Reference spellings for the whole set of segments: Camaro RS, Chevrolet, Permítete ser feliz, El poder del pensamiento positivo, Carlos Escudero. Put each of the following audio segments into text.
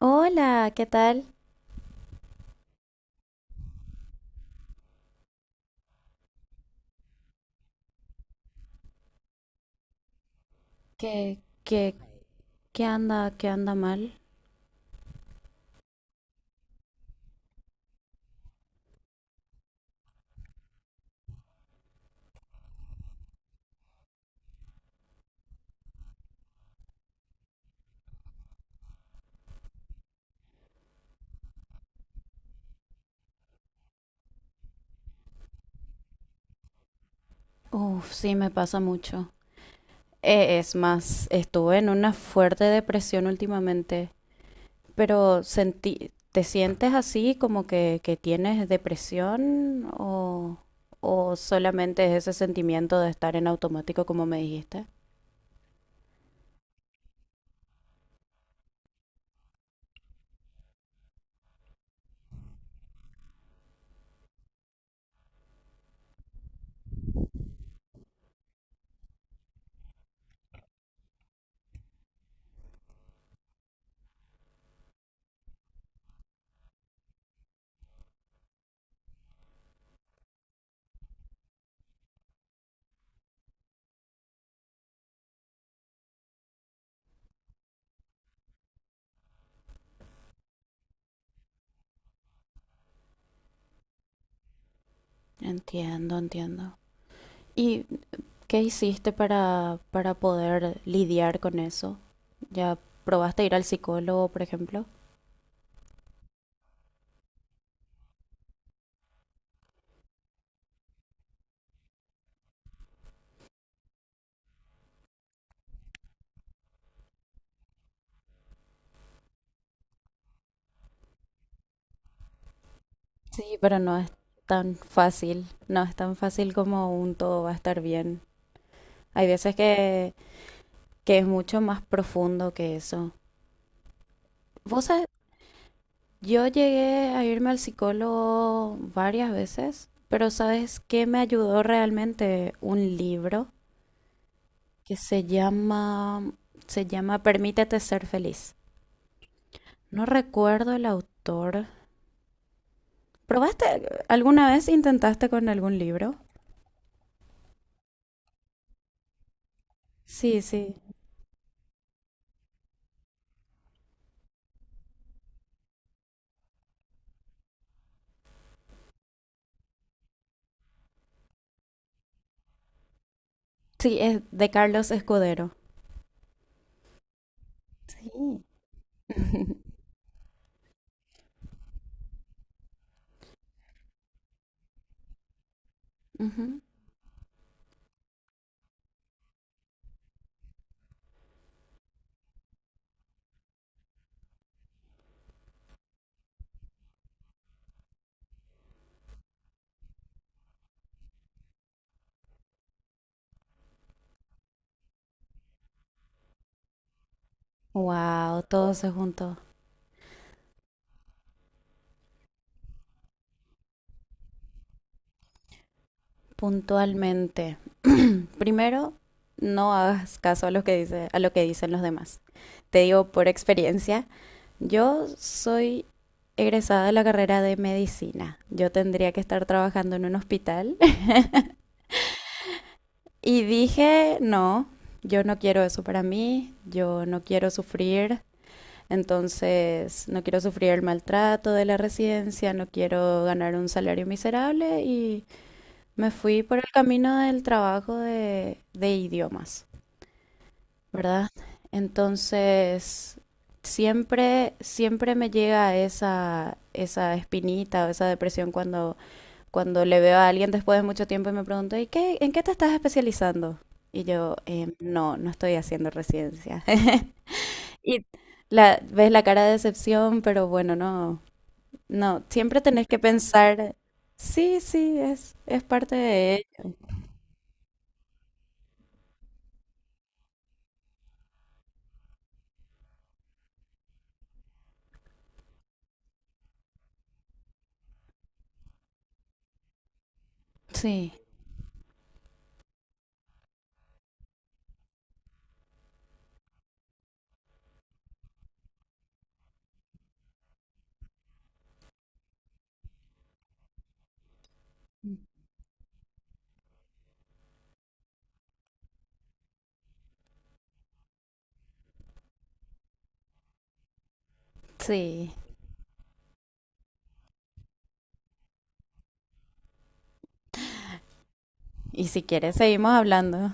Hola, ¿qué tal? ¿Qué, qué, qué anda mal? Uf, sí, me pasa mucho. Es más, estuve en una fuerte depresión últimamente, pero sentí, ¿te sientes así como que tienes depresión o solamente es ese sentimiento de estar en automático como me dijiste? Entiendo, entiendo. ¿Y qué hiciste para poder lidiar con eso? ¿Ya probaste ir al psicólogo, por ejemplo? Sí, pero no es tan fácil, no es tan fácil como un todo va a estar bien. Hay veces que es mucho más profundo que eso. Vos sabés, yo llegué a irme al psicólogo varias veces, pero ¿sabes qué me ayudó realmente? Un libro que se llama Permítete ser feliz. No recuerdo el autor. ¿Probaste, alguna vez intentaste con algún libro? Sí, sí. Sí, es de Carlos Escudero. Sí. Wow, todo se juntó puntualmente. Primero, no hagas caso a lo que dicen los demás. Te digo por experiencia, yo soy egresada de la carrera de medicina. Yo tendría que estar trabajando en un hospital y dije, no, yo no quiero eso para mí, yo no quiero sufrir, entonces no quiero sufrir el maltrato de la residencia, no quiero ganar un salario miserable y me fui por el camino del trabajo de idiomas, ¿verdad? Entonces, siempre, siempre me llega esa, esa espinita o esa depresión cuando, cuando le veo a alguien después de mucho tiempo y me pregunto, ¿y qué, en qué te estás especializando? Y yo, No, no estoy haciendo residencia". Y la, ves la cara de decepción, pero bueno, no, no, siempre tenés que pensar, sí, sí, es parte de ello. Sí. Sí, y si quieres seguimos hablando.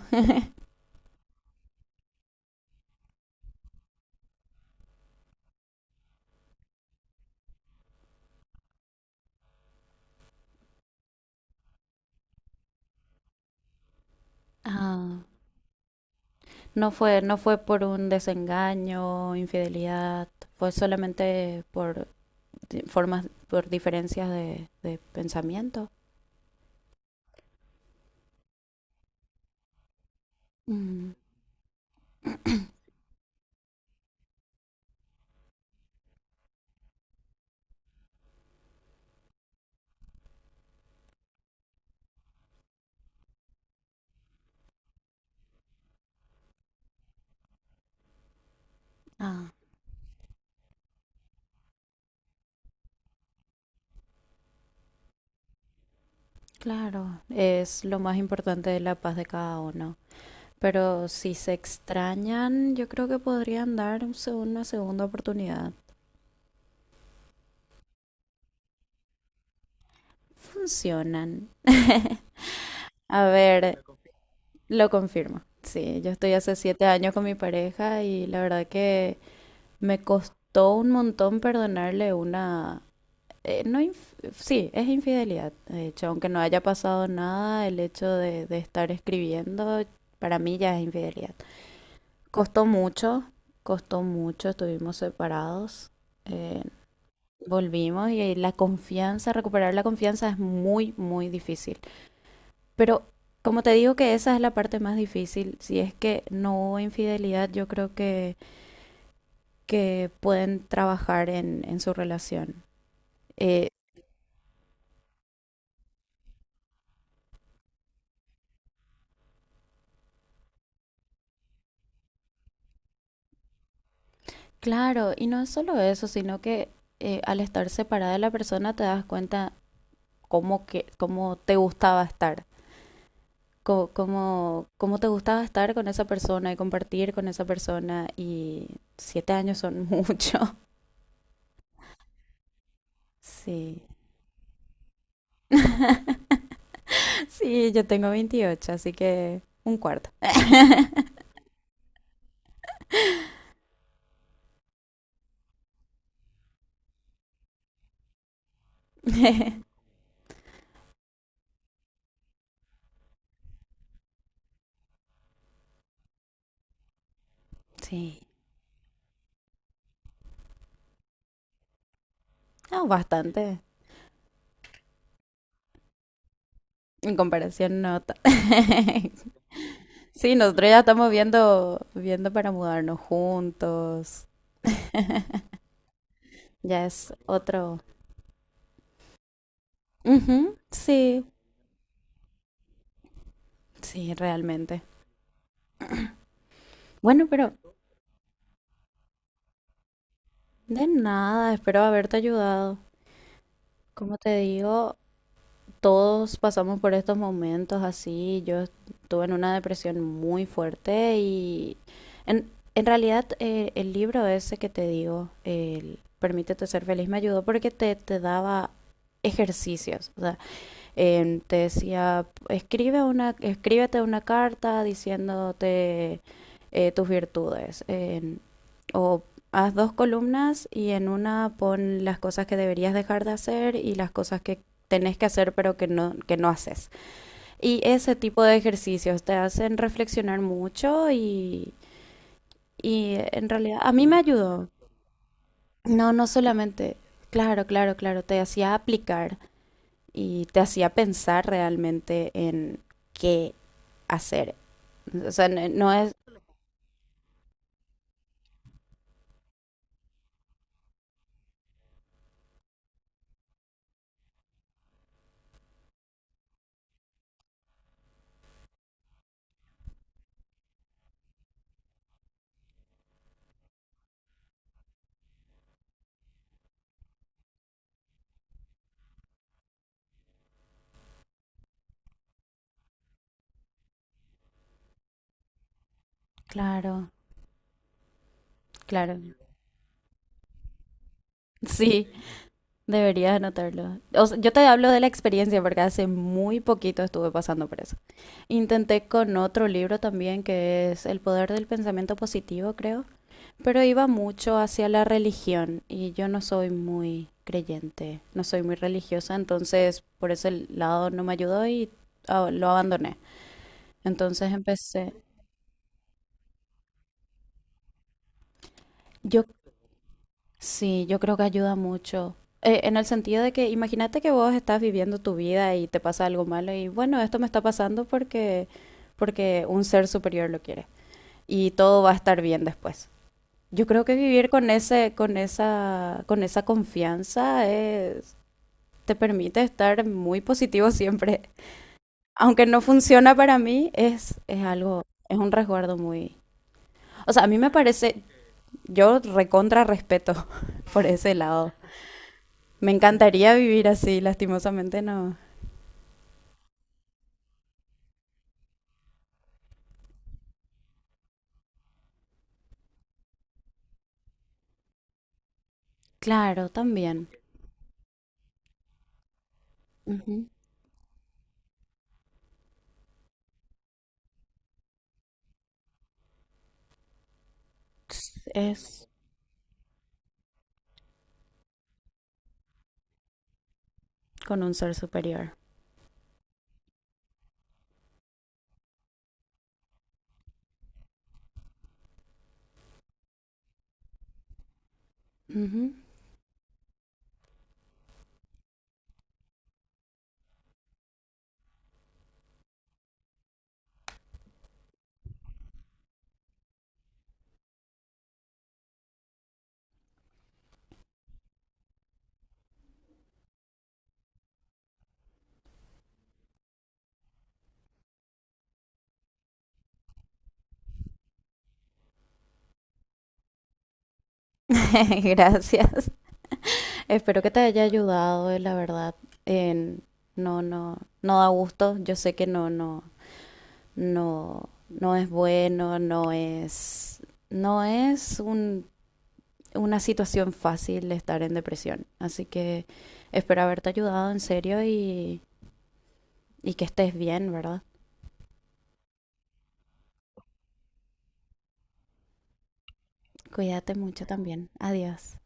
Ah, no fue, no fue por un desengaño, infidelidad, fue solamente por formas, por diferencias de pensamiento. Mm, ah, claro, es lo más importante de la paz de cada uno. Pero si se extrañan, yo creo que podrían dar una segunda oportunidad. Funcionan. A ver, lo confirmo. Sí, yo estoy hace 7 años con mi pareja y la verdad que me costó un montón perdonarle una... no inf- sí, es infidelidad. De hecho, aunque no haya pasado nada, el hecho de estar escribiendo para mí ya es infidelidad. Costó mucho, costó mucho, estuvimos separados, eh, volvimos y la confianza, recuperar la confianza es muy, muy difícil. Pero como te digo que esa es la parte más difícil, si es que no hubo infidelidad, yo creo que pueden trabajar en su relación. Eh, claro, y no es solo eso, sino que al estar separada de la persona te das cuenta cómo te gustaba estar, cómo te gustaba estar con esa persona y compartir con esa persona. Y 7 años son mucho. Sí. Sí, yo tengo 28 así que un cuarto. Sí. Ah, bastante. En comparación, no. Sí, nosotros ya estamos viendo, viendo para mudarnos juntos. Ya es otro, ujú, sí, sí, realmente. Bueno, pero de nada, espero haberte ayudado. Como te digo, todos pasamos por estos momentos así. Yo estuve en una depresión muy fuerte y en, en realidad el libro ese que te digo, el Permítete ser feliz, me ayudó porque te daba ejercicios. O sea, te decía, escríbete una carta diciéndote tus virtudes. O haz dos columnas y en una pon las cosas que deberías dejar de hacer y las cosas que tenés que hacer pero que no haces. Y ese tipo de ejercicios te hacen reflexionar mucho y en realidad a mí me ayudó. No, no solamente, claro, claro, claro, te hacía aplicar y te hacía pensar realmente en qué hacer. O sea, no es, claro, claro. Sí, deberías anotarlo. O sea, yo te hablo de la experiencia porque hace muy poquito estuve pasando por eso. Intenté con otro libro también que es El poder del pensamiento positivo, creo, pero iba mucho hacia la religión y yo no soy muy creyente, no soy muy religiosa, entonces por ese lado no me ayudó y ah, lo abandoné. Entonces empecé. Yo sí, yo creo que ayuda mucho. En el sentido de que imagínate que vos estás viviendo tu vida y te pasa algo malo y bueno, esto me está pasando porque un ser superior lo quiere y todo va a estar bien después. Yo creo que vivir con ese con esa confianza te permite estar muy positivo siempre. Aunque no funciona para mí, es algo, es un resguardo muy... O sea, a mí me parece, yo recontra respeto por ese lado. Me encantaría vivir así, lastimosamente no. Claro, también. Ujú. Es con un ser superior. Ujú. Gracias. Espero que te haya ayudado, la verdad. En- no, no, no da gusto. Yo sé que no, no, no, no es bueno, no es, no es un- una situación fácil estar en depresión. Así que espero haberte ayudado en serio y que estés bien, ¿verdad? Cuídate mucho también. Adiós.